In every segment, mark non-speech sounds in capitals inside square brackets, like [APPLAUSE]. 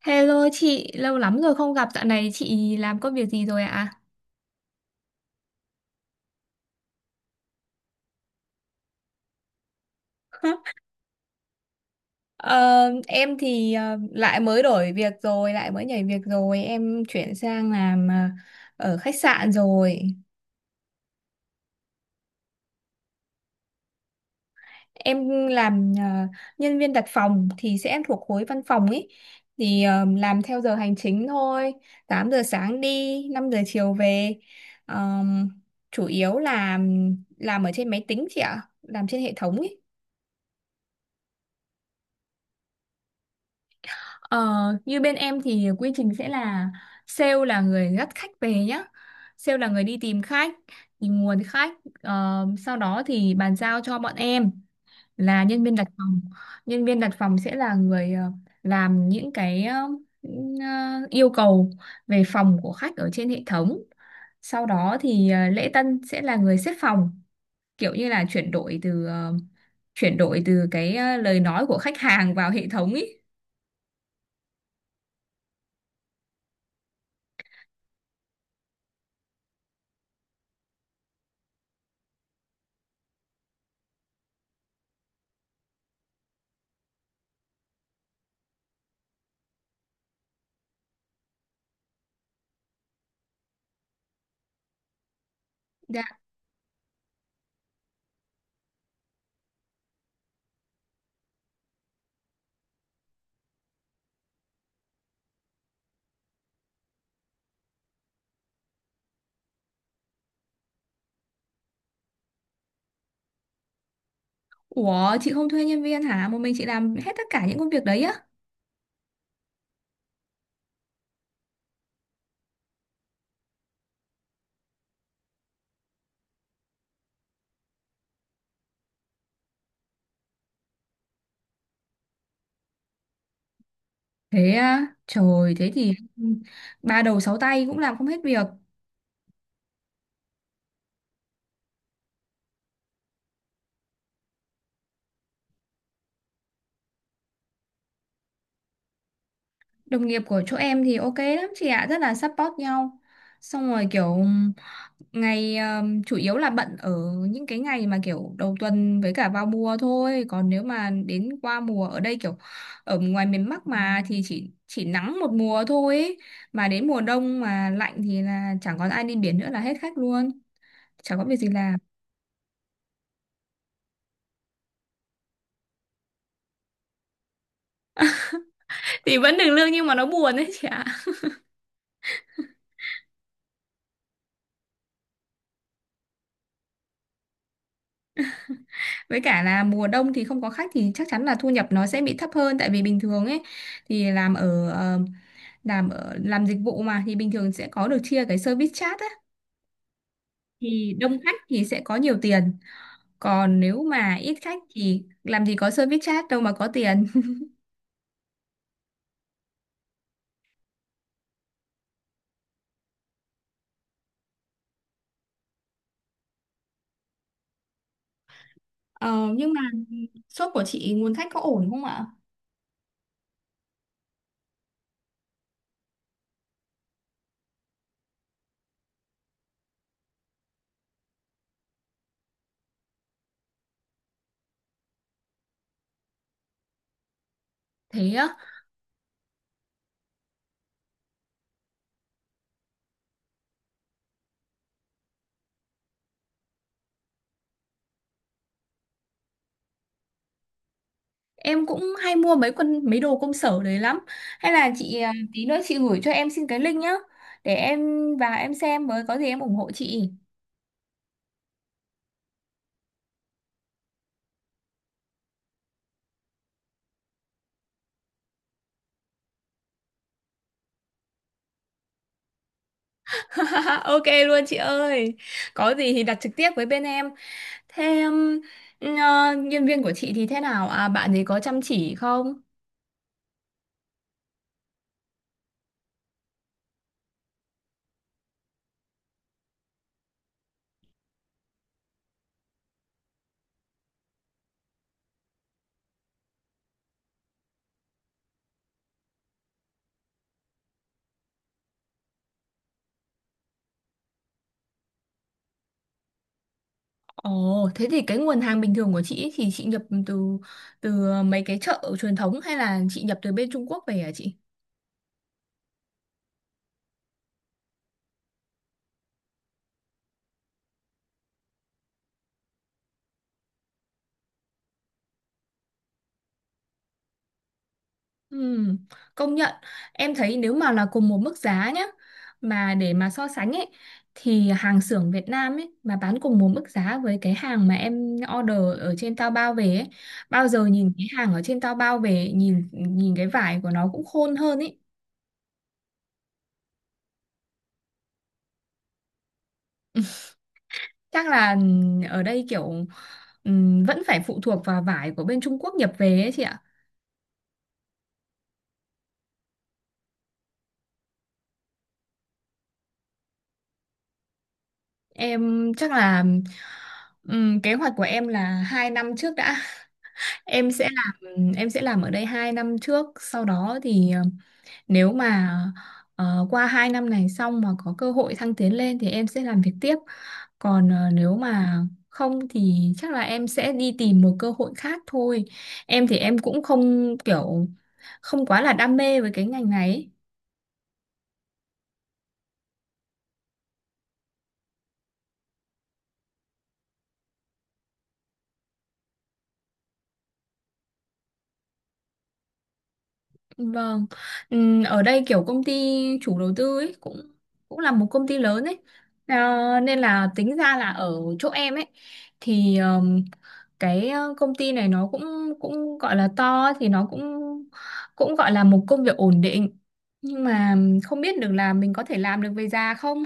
Hello chị, lâu lắm rồi không gặp. Dạo này chị làm công việc gì rồi ạ? [LAUGHS] Ờ, em thì lại mới đổi việc rồi, lại mới nhảy việc rồi. Em chuyển sang làm ở khách sạn rồi. Em làm nhân viên đặt phòng thì sẽ thuộc khối văn phòng ấy. Thì làm theo giờ hành chính thôi. 8 giờ sáng đi, 5 giờ chiều về. Ờm, chủ yếu là làm ở trên máy tính chị ạ, làm trên hệ thống ý. Ờ, Như bên em thì quy trình sẽ là sale là người dắt khách về nhá. Sale là người đi tìm khách, tìm nguồn khách. Sau đó thì bàn giao cho bọn em là nhân viên đặt phòng. Nhân viên đặt phòng sẽ là người làm những yêu cầu về phòng của khách ở trên hệ thống. Sau đó thì lễ tân sẽ là người xếp phòng, kiểu như là chuyển đổi từ cái lời nói của khách hàng vào hệ thống ý. Ủa chị không thuê nhân viên hả? Một mình chị làm hết tất cả những công việc đấy á? Thế à? Trời thế thì ba đầu sáu tay cũng làm không hết việc. Đồng nghiệp của chỗ em thì ok lắm chị ạ, rất là support nhau. Xong rồi kiểu ngày chủ yếu là bận ở những cái ngày mà kiểu đầu tuần với cả vào mùa thôi. Còn nếu mà đến qua mùa ở đây kiểu ở ngoài miền Bắc mà thì chỉ nắng một mùa thôi ấy. Mà đến mùa đông mà lạnh thì là chẳng còn ai đi biển nữa là hết khách luôn. Chẳng có việc gì làm. Thì vẫn được lương nhưng mà nó buồn đấy chị ạ. Với cả là mùa đông thì không có khách thì chắc chắn là thu nhập nó sẽ bị thấp hơn tại vì bình thường ấy thì làm ở ờ, làm ở làm dịch vụ mà thì bình thường sẽ có được chia cái service charge á. Thì đông khách thì sẽ có nhiều tiền, còn nếu mà ít khách thì làm gì có service charge đâu mà có tiền. [LAUGHS] Ờ, nhưng mà shop của chị nguồn khách có ổn không ạ? Thế á? Em cũng hay mua mấy đồ công sở đấy lắm. Hay là chị à, tí nữa chị gửi cho em xin cái link nhá. Để em vào em xem, với có gì em ủng hộ chị. [LAUGHS] Ok luôn chị ơi. Có gì thì đặt trực tiếp với bên em. Thế nhân viên của chị thì thế nào? À, bạn ấy có chăm chỉ không? Ồ, thế thì cái nguồn hàng bình thường của chị ấy thì chị nhập từ từ mấy cái chợ truyền thống hay là chị nhập từ bên Trung Quốc về hả chị? Ừm, Công nhận em thấy nếu mà là cùng một mức giá nhá, mà để mà so sánh ấy, thì hàng xưởng Việt Nam ấy mà bán cùng một mức giá với cái hàng mà em order ở trên Taobao về ấy, bao giờ nhìn cái hàng ở trên Taobao về nhìn nhìn cái vải của nó cũng khôn hơn ấy. [LAUGHS] Chắc là ở đây kiểu vẫn phải phụ thuộc vào vải của bên Trung Quốc nhập về ấy chị ạ. Em chắc là kế hoạch của em là 2 năm trước đã. Em sẽ làm ở đây 2 năm trước, sau đó thì nếu mà qua 2 năm này xong mà có cơ hội thăng tiến lên thì em sẽ làm việc tiếp, còn nếu mà không thì chắc là em sẽ đi tìm một cơ hội khác thôi. Em thì em cũng không kiểu không quá là đam mê với cái ngành này ấy. Vâng. Ở đây kiểu công ty chủ đầu tư ấy cũng cũng là một công ty lớn ấy, à, nên là tính ra là ở chỗ em ấy thì cái công ty này nó cũng cũng gọi là to ấy, thì nó cũng cũng gọi là một công việc ổn định, nhưng mà không biết được là mình có thể làm được về già không.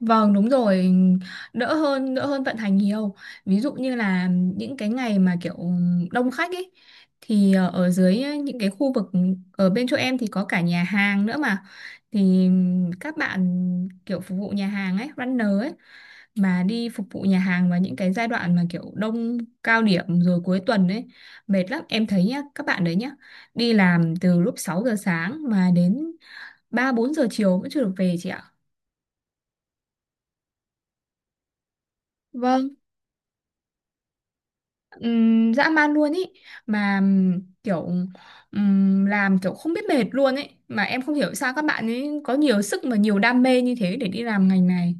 Vâng đúng rồi, đỡ hơn vận hành nhiều. Ví dụ như là những cái ngày mà kiểu đông khách ấy thì ở dưới những cái khu vực ở bên chỗ em thì có cả nhà hàng nữa mà, thì các bạn kiểu phục vụ nhà hàng ấy, runner ấy, mà đi phục vụ nhà hàng vào những cái giai đoạn mà kiểu đông cao điểm rồi cuối tuần ấy mệt lắm em thấy nhá. Các bạn đấy nhá đi làm từ lúc 6 giờ sáng mà đến 3-4 giờ chiều vẫn chưa được về chị ạ. Vâng. Dã man luôn ý, mà kiểu làm kiểu không biết mệt luôn ấy, mà em không hiểu sao các bạn ấy có nhiều sức mà nhiều đam mê như thế để đi làm ngành này.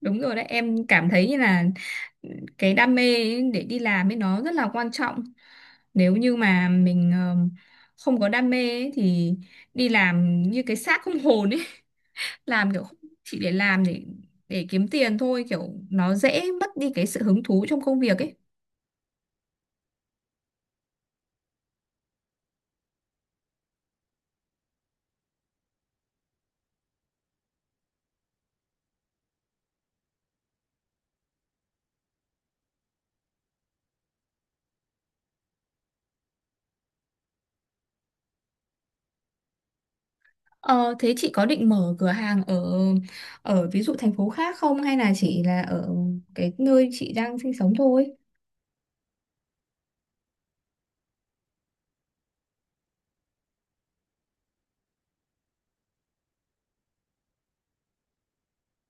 Đúng rồi đấy, em cảm thấy như là cái đam mê ấy để đi làm ấy nó rất là quan trọng. Nếu như mà mình không có đam mê ấy, thì đi làm như cái xác không [LAUGHS] hồn ấy, làm kiểu không- chỉ để làm để kiếm tiền thôi, kiểu nó dễ mất đi cái sự hứng thú trong công việc ấy. Ờ, Thế chị có định mở cửa hàng ở ở ví dụ thành phố khác không, hay là chỉ là ở cái nơi chị đang sinh sống thôi?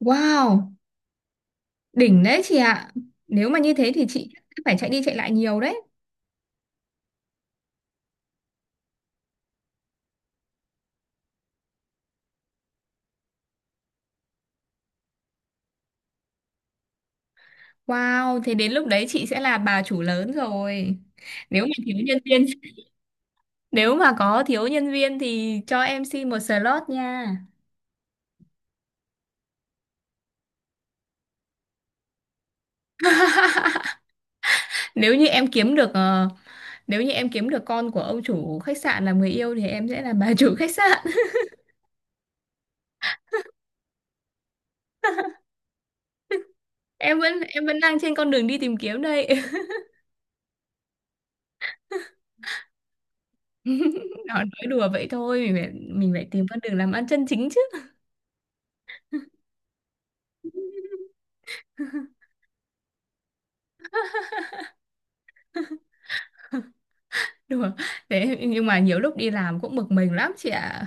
Wow, đỉnh đấy chị ạ. Nếu mà như thế thì chị phải chạy đi chạy lại nhiều đấy. Wow, thế đến lúc đấy chị sẽ là bà chủ lớn rồi. Nếu mà thiếu nhân viên, [LAUGHS] nếu mà có thiếu nhân viên thì cho em xin một slot nha. [LAUGHS] Nếu như em kiếm được ờ, Nếu như em kiếm được con của ông chủ khách sạn làm người yêu thì em sẽ là bà chủ khách sạn. Em vẫn đang trên con đường đi tìm kiếm đây. [LAUGHS] Nó nói đùa vậy thôi, mình phải tìm con đường làm ăn chân chính chứ. [LAUGHS] Đùa. Thế nhưng mà nhiều lúc đi làm cũng bực mình lắm chị ạ,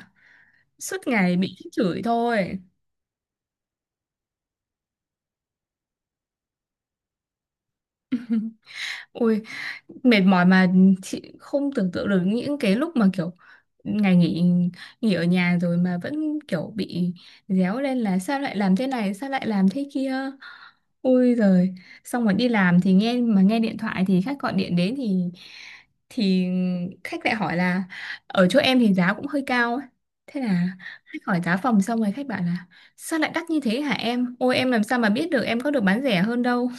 suốt ngày bị chửi thôi. Ui, mệt mỏi mà. Chị không tưởng tượng được những cái lúc mà kiểu ngày nghỉ, nghỉ ở nhà rồi mà vẫn kiểu bị réo lên là sao lại làm thế này, sao lại làm thế kia. Ôi giời, xong rồi đi làm thì nghe mà nghe điện thoại thì khách gọi điện đến thì thì khách lại hỏi là ở chỗ em thì giá cũng hơi cao ấy. Thế là khách hỏi giá phòng xong rồi khách bảo là sao lại đắt như thế hả em? Ôi em làm sao mà biết được, em có được bán rẻ hơn đâu.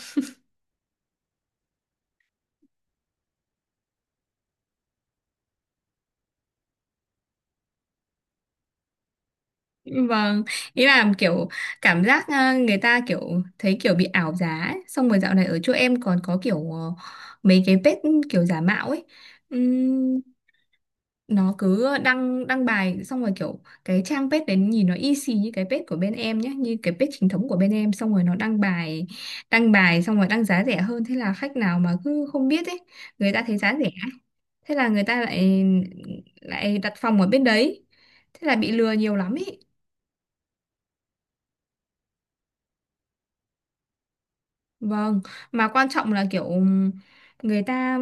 [LAUGHS] Vâng, ý là kiểu cảm giác à, người ta kiểu thấy kiểu bị ảo giá ấy. Xong rồi dạo này ở chỗ em còn có kiểu mấy cái page kiểu giả mạo ấy. Nó cứ đăng đăng bài xong rồi kiểu cái trang page đấy nhìn nó y xì như cái page của bên em nhé, như cái page chính thống của bên em, xong rồi nó đăng bài, đăng bài xong rồi đăng giá rẻ hơn, thế là khách nào mà cứ không biết ấy, người ta thấy giá rẻ, thế là người ta lại lại đặt phòng ở bên đấy, thế là bị lừa nhiều lắm ý. Vâng, mà quan trọng là kiểu người ta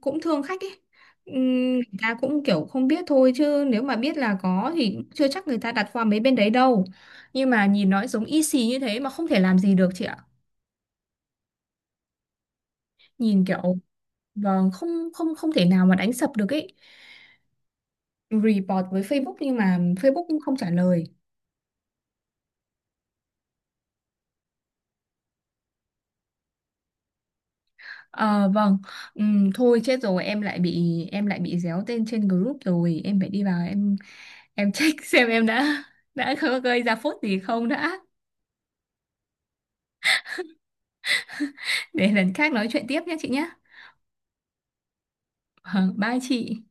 cũng thương khách ấy. Ừm. Người ta cũng kiểu không biết thôi chứ nếu mà biết là có thì cũng chưa chắc người ta đặt qua mấy bên đấy đâu. Nhưng mà nhìn nó giống y xì như thế mà không thể làm gì được chị ạ. Nhìn kiểu vâng, không không không thể nào mà đánh sập được ấy. Report với Facebook nhưng mà Facebook cũng không trả lời. Ờ vâng. Thôi chết rồi, em lại bị réo tên trên group rồi, em phải đi vào em check [LAUGHS] xem em đã có gây ra phốt gì không đã, để lần khác nói chuyện tiếp nhé chị nhé. Vâng, bye chị.